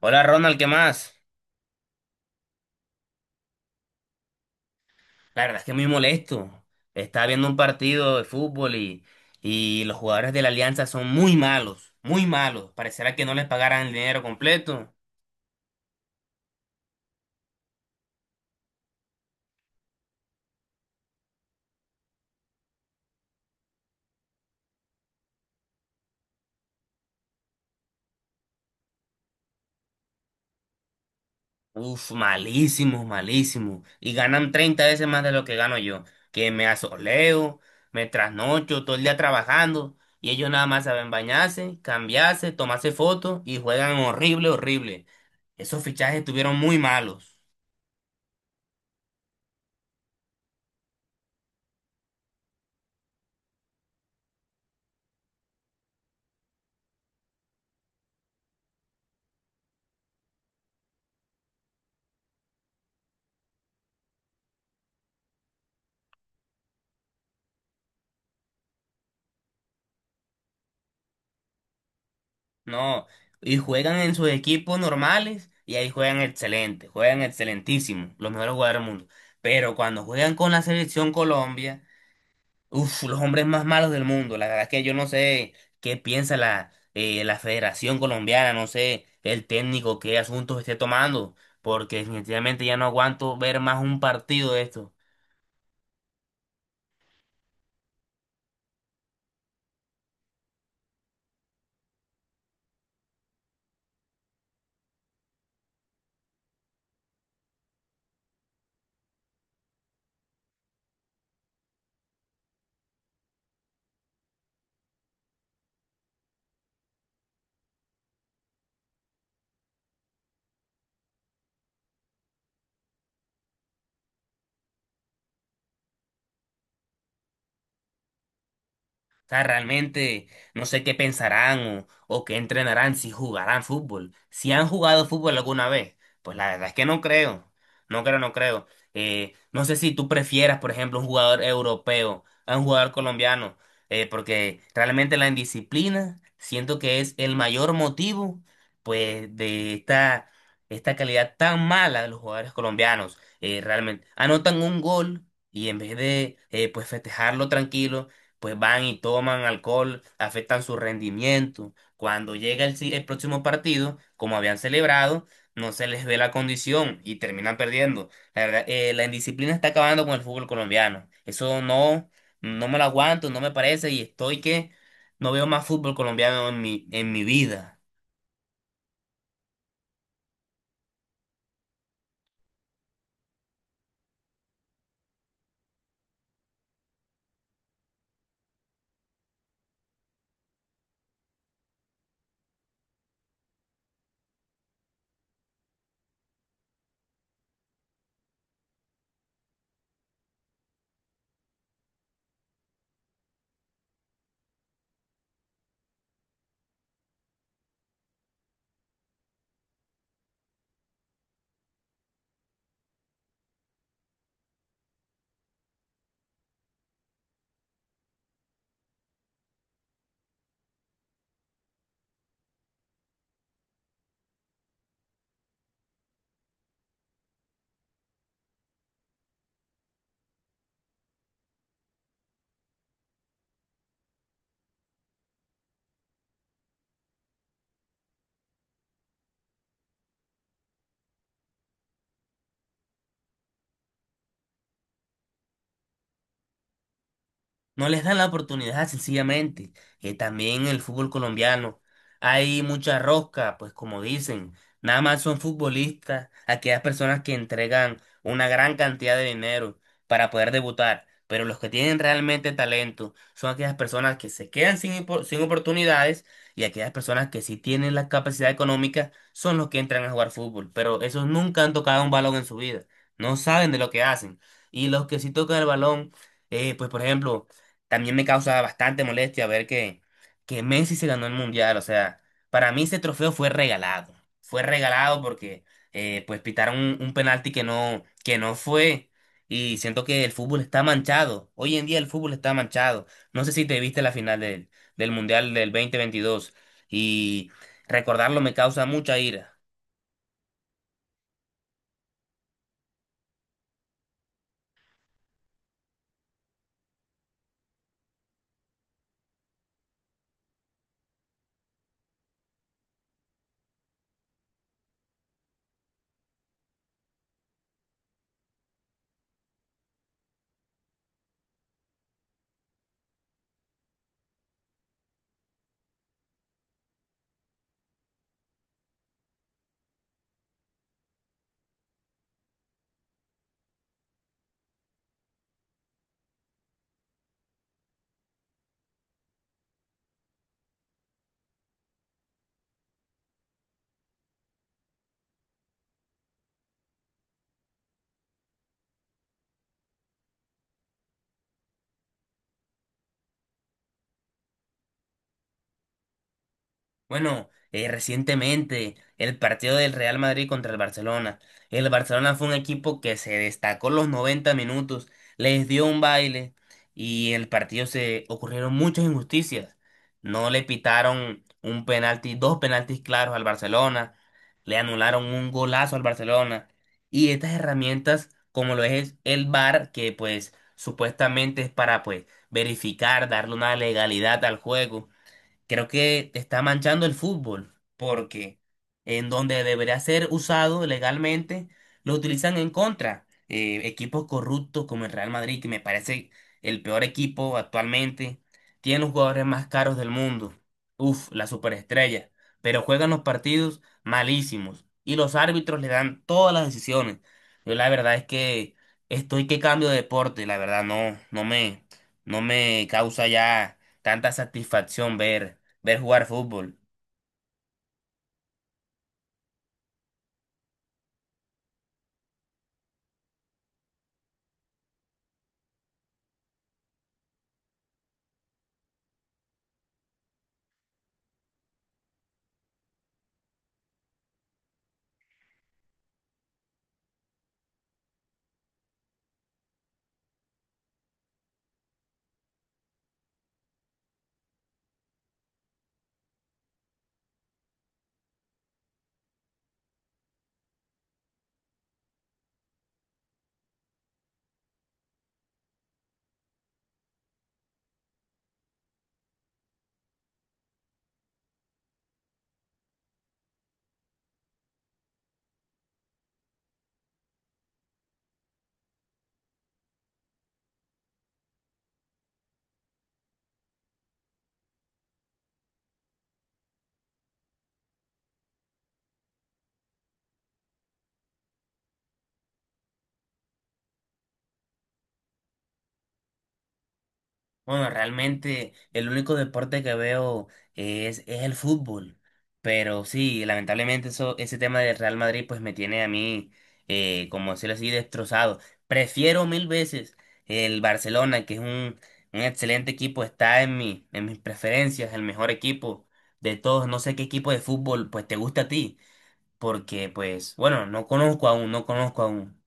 Hola Ronald, ¿qué más? La verdad es que muy molesto. Estaba viendo un partido de fútbol y los jugadores de la Alianza son muy malos, muy malos. Parecerá que no les pagaran el dinero completo. Uf, malísimos, malísimos. Y ganan 30 veces más de lo que gano yo. Que me asoleo, me trasnocho todo el día trabajando y ellos nada más saben bañarse, cambiarse, tomarse fotos y juegan horrible, horrible. Esos fichajes estuvieron muy malos. No, y juegan en sus equipos normales y ahí juegan excelente, juegan excelentísimo, los mejores jugadores del mundo. Pero cuando juegan con la selección Colombia, uff, los hombres más malos del mundo. La verdad es que yo no sé qué piensa la, la Federación Colombiana, no sé el técnico qué asuntos esté tomando, porque definitivamente ya no aguanto ver más un partido de esto. Sea, realmente no sé qué pensarán o qué entrenarán si jugarán fútbol. Si han jugado fútbol alguna vez, pues la verdad es que no creo. No creo, no creo. No sé si tú prefieras, por ejemplo, un jugador europeo a un jugador colombiano, porque realmente la indisciplina siento que es el mayor motivo, pues, esta calidad tan mala de los jugadores colombianos. Realmente anotan un gol y en vez de, pues, festejarlo tranquilo pues van y toman alcohol, afectan su rendimiento. Cuando llega el, el próximo partido, como habían celebrado, no se les ve la condición y terminan perdiendo. La verdad, la indisciplina está acabando con el fútbol colombiano. Eso no, no me lo aguanto, no me parece y estoy que no veo más fútbol colombiano en en mi vida. No les dan la oportunidad, sencillamente. También el fútbol colombiano. Hay mucha rosca, pues como dicen, nada más son futbolistas, aquellas personas que entregan una gran cantidad de dinero para poder debutar. Pero los que tienen realmente talento son aquellas personas que se quedan sin, sin oportunidades y aquellas personas que sí tienen la capacidad económica son los que entran a jugar fútbol. Pero esos nunca han tocado un balón en su vida. No saben de lo que hacen. Y los que sí tocan el balón, pues por ejemplo, también me causa bastante molestia ver que Messi se ganó el mundial. O sea, para mí ese trofeo fue regalado. Fue regalado porque pues pitaron un penalti que que no fue. Y siento que el fútbol está manchado. Hoy en día el fútbol está manchado. No sé si te viste la final del mundial del 2022. Y recordarlo me causa mucha ira. Bueno, recientemente el partido del Real Madrid contra el Barcelona. El Barcelona fue un equipo que se destacó los 90 minutos, les dio un baile y en el partido se ocurrieron muchas injusticias. No le pitaron un penalti, dos penaltis claros al Barcelona, le anularon un golazo al Barcelona y estas herramientas como lo es el VAR que pues supuestamente es para pues verificar, darle una legalidad al juego creo que está manchando el fútbol, porque en donde debería ser usado legalmente, lo utilizan en contra. Equipos corruptos como el Real Madrid, que me parece el peor equipo actualmente, tiene los jugadores más caros del mundo. Uf, la superestrella. Pero juegan los partidos malísimos y los árbitros le dan todas las decisiones. Yo la verdad es que estoy que cambio de deporte, la verdad no, no me causa ya tanta satisfacción ver jugar fútbol. Bueno, realmente el único deporte que veo es el fútbol. Pero sí, lamentablemente eso, ese tema del Real Madrid pues me tiene a mí, como decirlo así, destrozado. Prefiero mil veces el Barcelona, que es un excelente equipo, está en en mis preferencias, el mejor equipo de todos. No sé qué equipo de fútbol pues te gusta a ti, porque pues, bueno, no conozco aún, no conozco aún.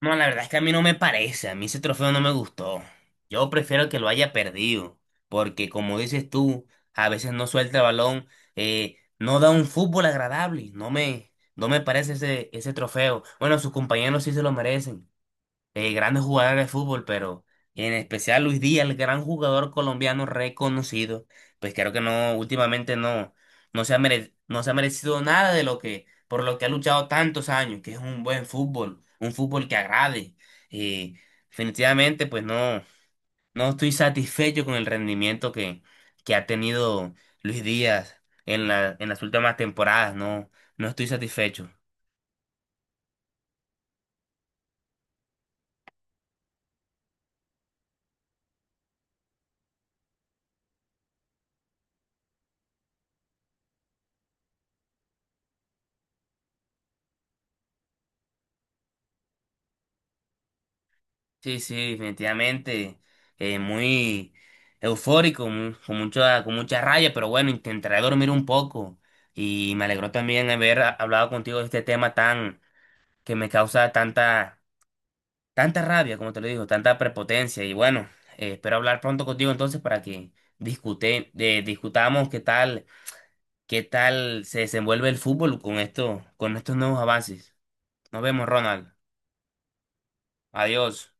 No, la verdad es que a mí no me parece, a mí ese trofeo no me gustó. Yo prefiero que lo haya perdido, porque como dices tú, a veces no suelta el balón, no da un fútbol agradable, no me parece ese, ese trofeo. Bueno, sus compañeros sí se lo merecen, de grandes jugadores de fútbol, pero en especial Luis Díaz, el gran jugador colombiano reconocido, pues creo que no, últimamente no, no se ha merecido nada de lo que, por lo que ha luchado tantos años, que es un buen fútbol, un fútbol que agrade. Y definitivamente, pues no, no estoy satisfecho con el rendimiento que ha tenido Luis Díaz en la, en las últimas temporadas, no, no estoy satisfecho. Sí, sí, definitivamente. Eh, muy eufórico, con mucha raya, pero bueno, intentaré dormir un poco. Y me alegró también hablado contigo de este tema tan, que me causa tanta, tanta rabia, como te lo digo, tanta prepotencia. Y bueno, espero hablar pronto contigo entonces para que discutamos qué tal se desenvuelve el fútbol con esto, con estos nuevos avances. Nos vemos, Ronald. Adiós.